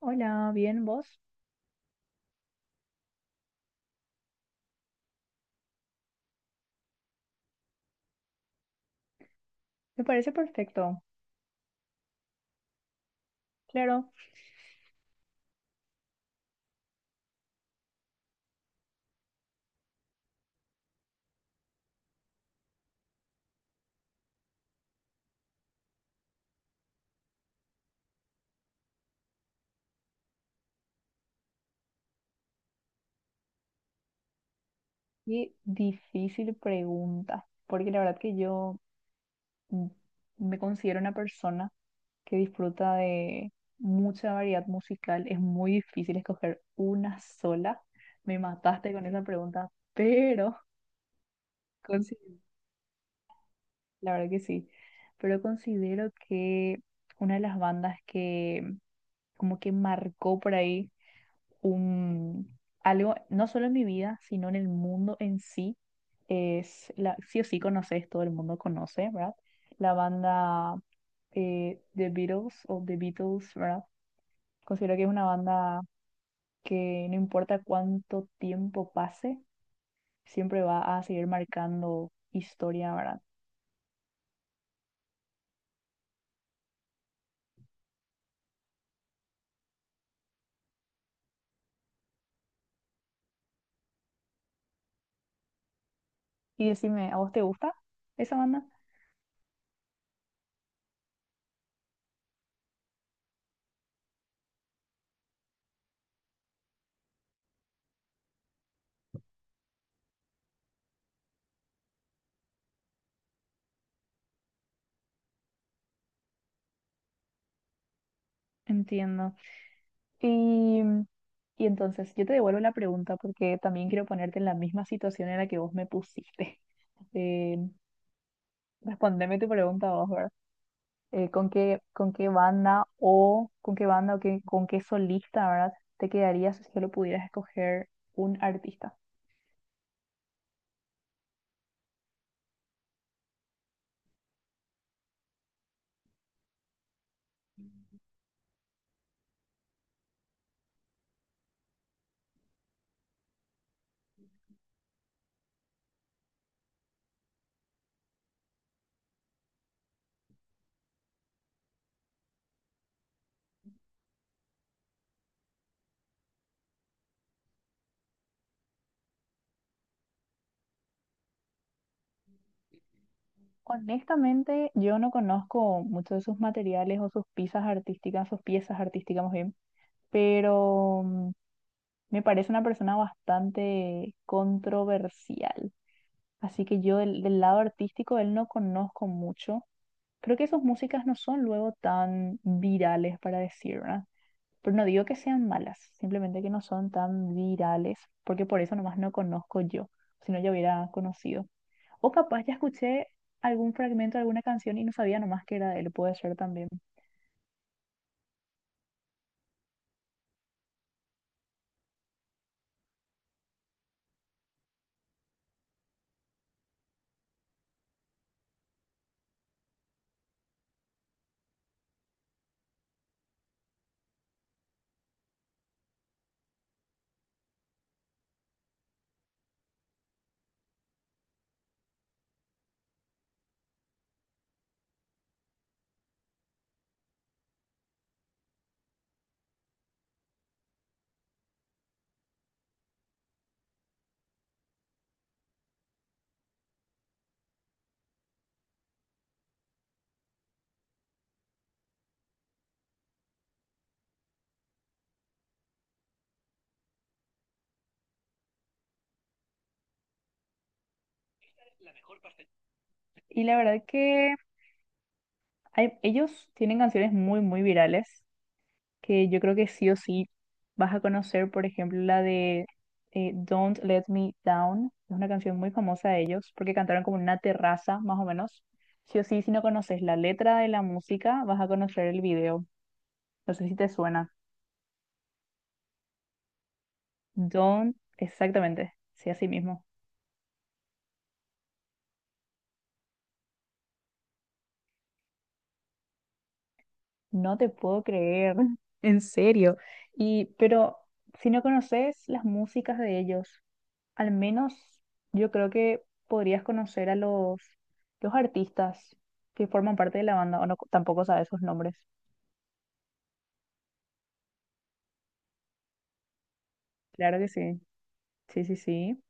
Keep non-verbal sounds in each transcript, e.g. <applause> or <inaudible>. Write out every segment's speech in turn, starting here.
Hola, bien, ¿vos? Me parece perfecto. Claro, qué difícil pregunta, porque la verdad que yo mm, me considero una persona que disfruta de mucha variedad musical. Es muy difícil escoger una sola. Me mataste con esa pregunta, pero <laughs> consi- la verdad que sí, pero considero que una de las bandas que como que marcó por ahí un, algo, no solo en mi vida, sino en el mundo en sí, es, la, sí o sí conoces, todo el mundo conoce, ¿verdad? La banda The Beatles o The Beatles, ¿verdad? Considero que es una banda que no importa cuánto tiempo pase, siempre va a seguir marcando historia, ¿verdad? Y decime, ¿a vos te gusta esa banda? Entiendo. Y, y entonces yo te devuelvo la pregunta porque también quiero ponerte en la misma situación en la que vos me pusiste. <laughs> Eh, respondeme tu pregunta vos, ¿verdad? ¿Con qué banda o con qué solista, ¿verdad? Te quedarías si solo pudieras escoger un artista? Honestamente, yo no conozco mucho de sus materiales o sus piezas artísticas más bien, pero me parece una persona bastante controversial. Así que yo del lado artístico él no conozco mucho. Creo que sus músicas no son luego tan virales para decir, ¿verdad? Pero no digo que sean malas, simplemente que no son tan virales, porque por eso nomás no conozco yo, si no yo hubiera conocido. O capaz ya escuché algún fragmento de alguna canción y no sabía nomás que era de él, puede ser también. Y la verdad que ellos tienen canciones muy, muy virales que yo creo que sí o sí vas a conocer, por ejemplo, la de Don't Let Me Down. Es una canción muy famosa de ellos porque cantaron como en una terraza, más o menos. Sí o sí, si no conoces la letra de la música, vas a conocer el video. No sé si te suena. Don't, exactamente, sí, así mismo. No te puedo creer, <laughs> en serio. Y, pero si no conoces las músicas de ellos, al menos yo creo que podrías conocer a los artistas que forman parte de la banda, o no, tampoco sabes sus nombres. Claro que sí. Sí, sí, sí.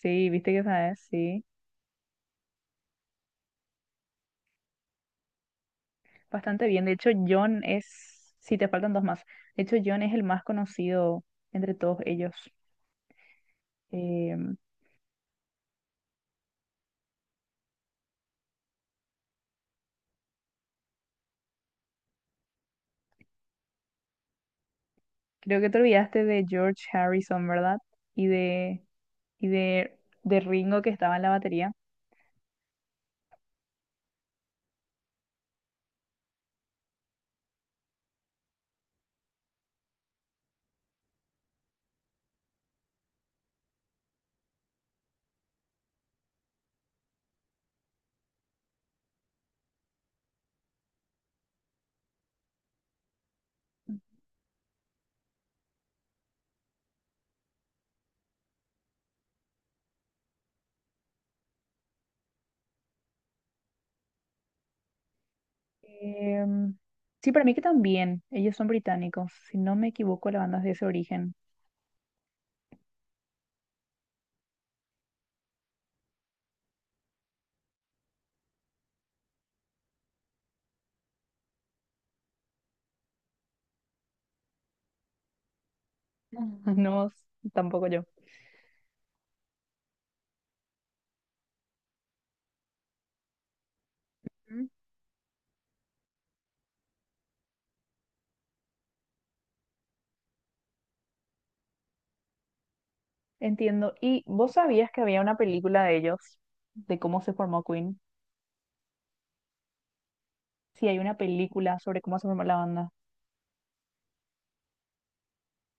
Sí, viste que sabes, sí. Bastante bien. De hecho, John es, sí, te faltan dos más. De hecho, John es el más conocido entre todos ellos. Eh, creo que te olvidaste de George Harrison, ¿verdad? Y de, y de, de Ringo que estaba en la batería. Em, sí, para mí que también. Ellos son británicos. Si no me equivoco, la banda es de ese origen. <laughs> No, tampoco yo. Mm. Entiendo. ¿Y vos sabías que había una película de ellos, de cómo se formó Queen? Sí, hay una película sobre cómo se formó la banda.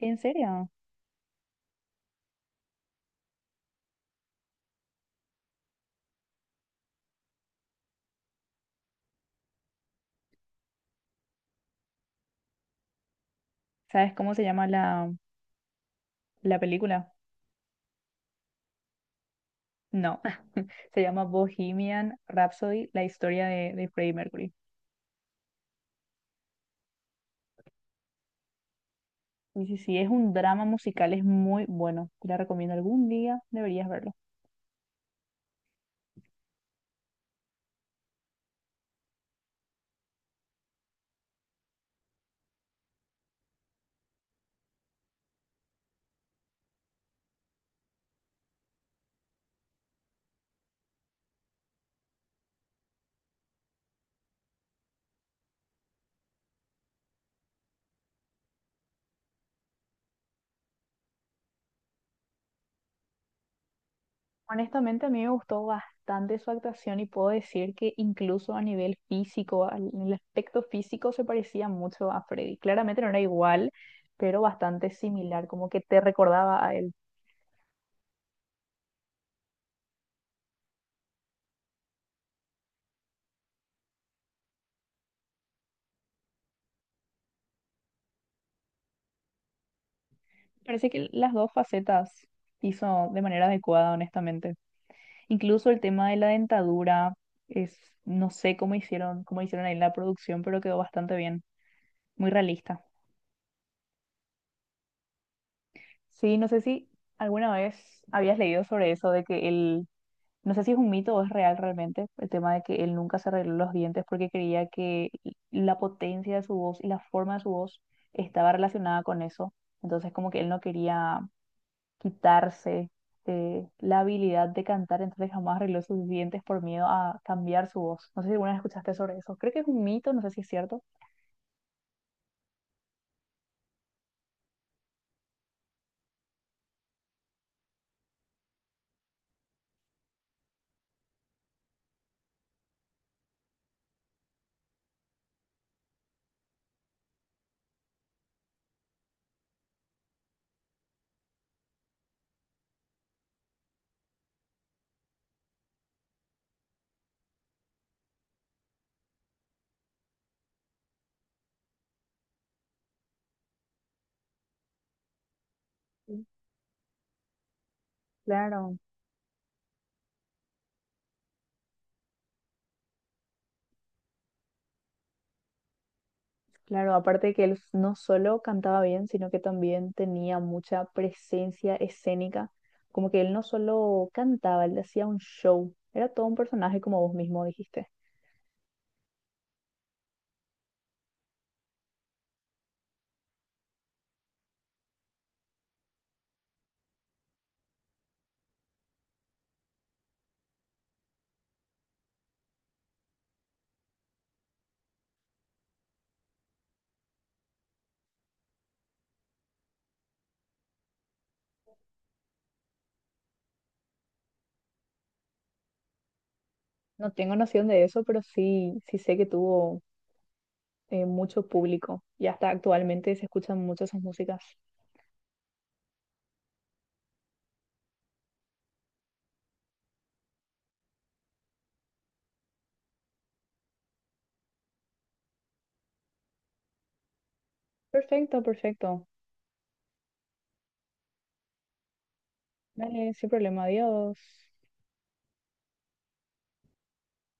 ¿En serio? ¿Sabes cómo se llama la película? No, <laughs> se llama Bohemian Rhapsody, la historia de Freddie Mercury. Sí, sí, sí, es un drama musical, es muy bueno. Te la recomiendo algún día, deberías verlo. Honestamente, a mí me gustó bastante su actuación y puedo decir que incluso a nivel físico, en el aspecto físico se parecía mucho a Freddy. Claramente no era igual, pero bastante similar, como que te recordaba a él. Parece que las dos facetas hizo de manera adecuada, honestamente. Incluso el tema de la dentadura es, no sé cómo hicieron ahí en la producción, pero quedó bastante bien, muy realista. Sí, no sé si alguna vez habías leído sobre eso de que él no sé si es un mito o es real realmente el tema de que él nunca se arregló los dientes porque creía que la potencia de su voz y la forma de su voz estaba relacionada con eso. Entonces como que él no quería quitarse la habilidad de cantar, entonces jamás arregló sus dientes por miedo a cambiar su voz. No sé si alguna vez escuchaste sobre eso. Creo que es un mito, no sé si es cierto. Sí, claro. Claro, aparte que él no solo cantaba bien, sino que también tenía mucha presencia escénica. Como que él no solo cantaba, él hacía un show. Era todo un personaje, como vos mismo dijiste. No tengo noción de eso, pero sí, sí sé que tuvo mucho público. Y hasta actualmente se escuchan mucho sus músicas. Perfecto, perfecto. Dale, sin problema. Adiós.